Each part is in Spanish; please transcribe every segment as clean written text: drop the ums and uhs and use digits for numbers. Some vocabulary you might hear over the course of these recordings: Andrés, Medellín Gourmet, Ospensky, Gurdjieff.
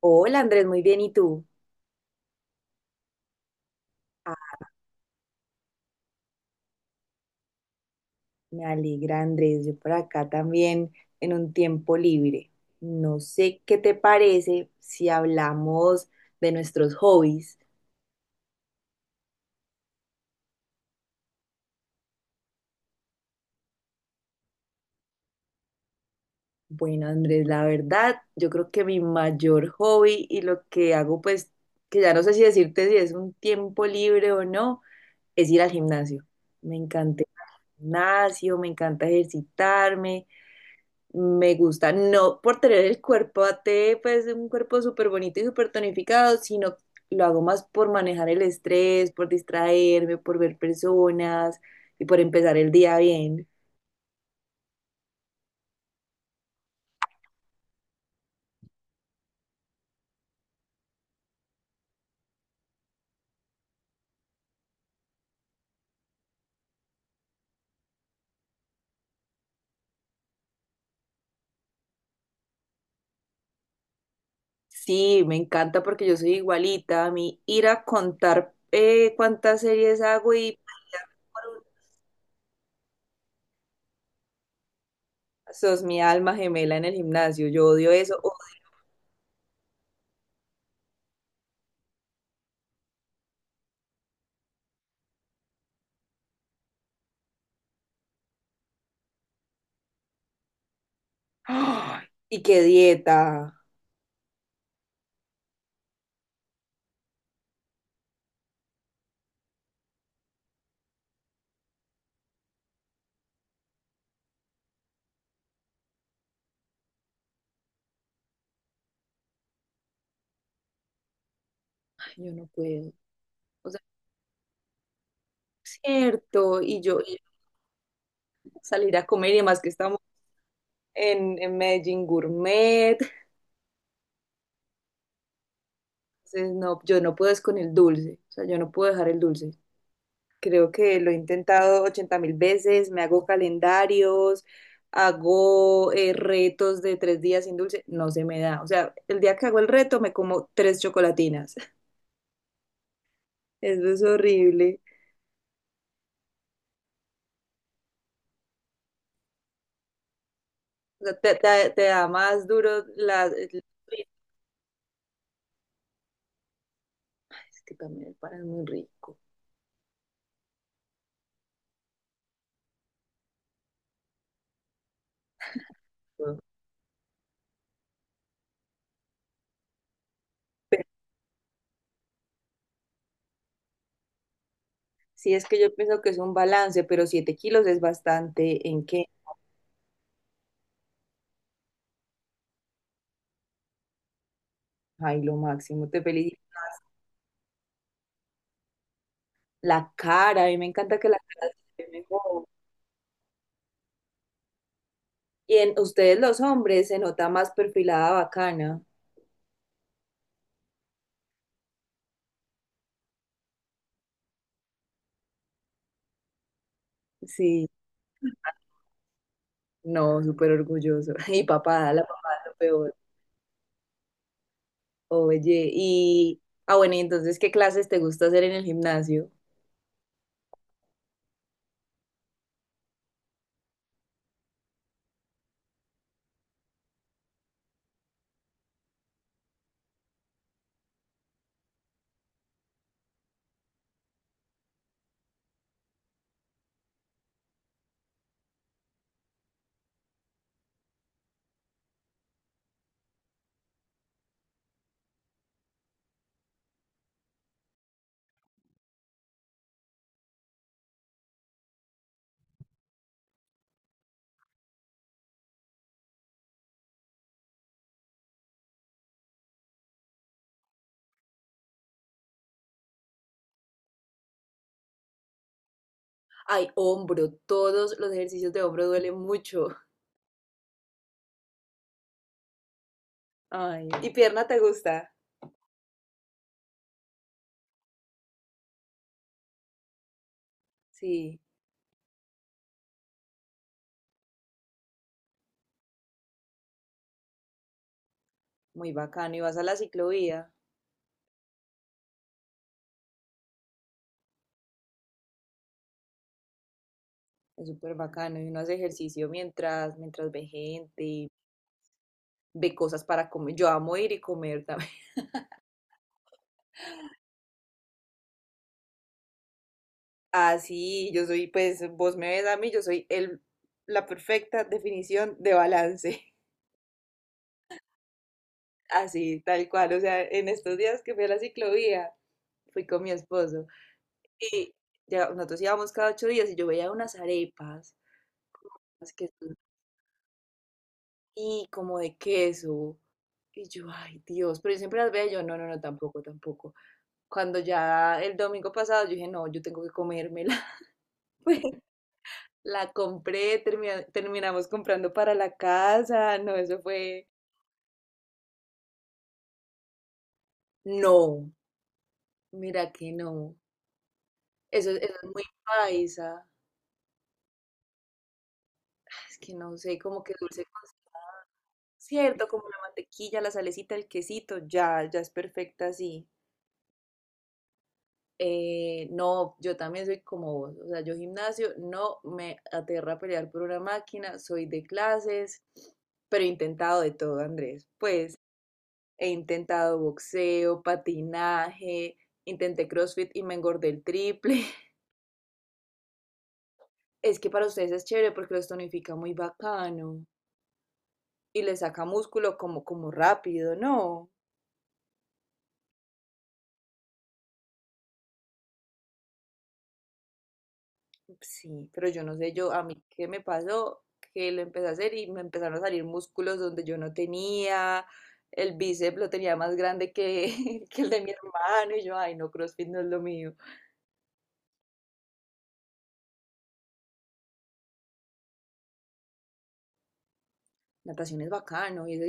Hola Andrés, muy bien. ¿Y tú? Ah, me alegra Andrés, yo por acá también en un tiempo libre. No sé qué te parece si hablamos de nuestros hobbies. Bueno Andrés, la verdad, yo creo que mi mayor hobby y lo que hago pues, que ya no sé si decirte si es un tiempo libre o no, es ir al gimnasio. Me encanta el gimnasio, me encanta ejercitarme. Me gusta, no por tener el cuerpo a T, pues un cuerpo súper bonito y súper tonificado, sino lo hago más por manejar el estrés, por distraerme, por ver personas y por empezar el día bien. Sí, me encanta porque yo soy igualita. A mí ir a contar cuántas series hago y por una, sos mi alma gemela en el gimnasio. Yo odio eso. ¡Ay! Y qué dieta. Ay, yo no puedo. O sea, es cierto. Y yo y salir a comer y demás que estamos en Medellín Gourmet. Entonces, no, yo no puedo es con el dulce, o sea, yo no puedo dejar el dulce. Creo que lo he intentado 80 mil veces, me hago calendarios, hago retos de 3 días sin dulce, no se me da. O sea, el día que hago el reto me como tres chocolatinas. Eso es horrible. O sea, te da más duro las... Ay, es que también el pan es muy rico. Pero sí es que yo pienso que es un balance, pero 7 kilos es bastante en qué. Ay, lo máximo, te felicito. La cara, a mí me encanta que la cara se ve mejor. Y en ustedes los hombres se nota más perfilada bacana. Sí, no, súper orgulloso. Y papada, la papada es lo peor. Oye, y... Ah, bueno, y entonces, ¿qué clases te gusta hacer en el gimnasio? Ay, hombro, todos los ejercicios de hombro duelen mucho. Ay, ¿y pierna te gusta? Sí, muy bacano. Y vas a la ciclovía, es súper bacano. Y uno hace ejercicio mientras ve gente. Ve cosas para comer. Yo amo ir y comer también. Así, yo soy, pues vos me ves a mí, yo soy el, la perfecta definición de balance. Así, tal cual. O sea, en estos días que fui a la ciclovía, fui con mi esposo y ya, nosotros íbamos cada 8 días y yo veía unas arepas como unas que son y como de queso. Y yo, ay Dios, pero yo siempre las veo, yo no, no, no, tampoco, tampoco. Cuando ya el domingo pasado yo dije, no, yo tengo que comérmela. La compré, terminamos comprando para la casa. No, eso fue. No, mira que no. Eso es muy paisa. Es que no sé, como que dulce con cierto, como la mantequilla, la salecita, el quesito, ya, ya es perfecta así. No, yo también soy como vos. O sea, yo gimnasio no me aterra pelear por una máquina, soy de clases, pero he intentado de todo, Andrés. Pues. He intentado boxeo, patinaje, intenté CrossFit y me engordé el triple. Es que para ustedes es chévere porque los tonifica muy bacano y les saca músculo como rápido, ¿no? Sí, pero yo no sé, yo a mí qué me pasó, que lo empecé a hacer y me empezaron a salir músculos donde yo no tenía, el bíceps lo tenía más grande que, que el de mi hermano y yo, ay no, CrossFit no es lo mío. Natación es bacano y es.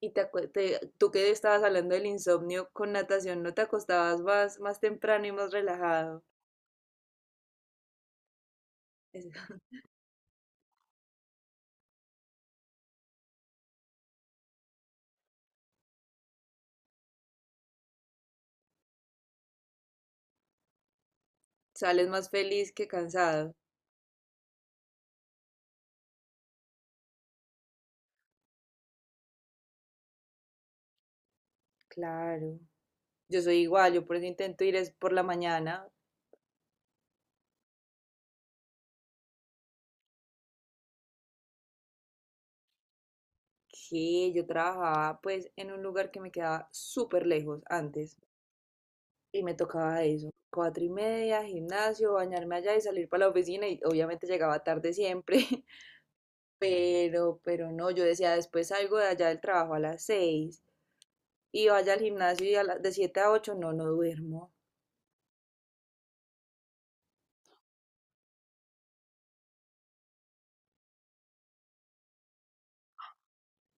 Tú que estabas hablando del insomnio, con natación no te acostabas más temprano y más relajado. Es- Sales más feliz que cansado. Claro. Yo soy igual, yo por eso intento ir es por la mañana, que yo trabajaba pues en un lugar que me quedaba súper lejos antes y me tocaba eso. 4:30, gimnasio, bañarme allá y salir para la oficina y obviamente llegaba tarde siempre, pero no, yo decía después salgo de allá del trabajo a las 6 y vaya al gimnasio y de 7 a 8 no, no duermo.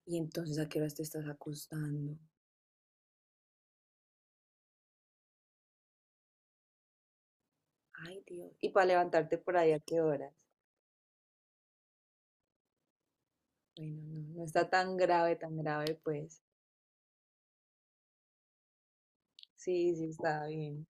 Y entonces, ¿a qué horas te estás acostando? Ay, Dios. Y para levantarte por ahí, ¿a qué horas? Bueno, no, no está tan grave, pues. Sí, sí, está bien.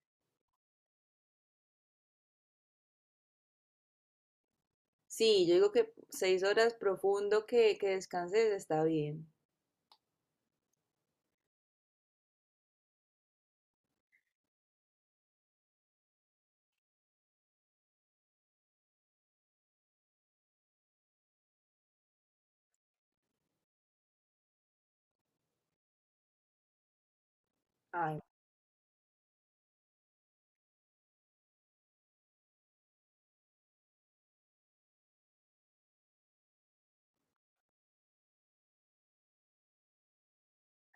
Sí, yo digo que 6 horas profundo que descanses está bien. Ay,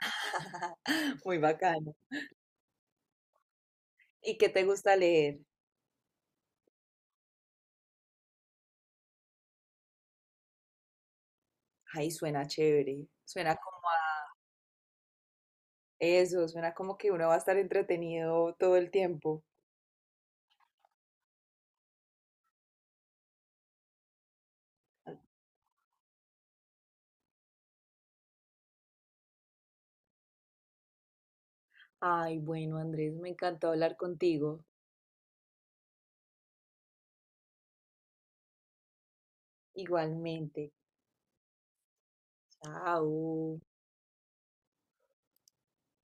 muy bacano. ¿Y qué te gusta leer? Ay, suena chévere. Suena como eso, suena como que uno va a estar entretenido todo el tiempo. Ay, bueno, Andrés, me encantó hablar contigo. Igualmente. Chao.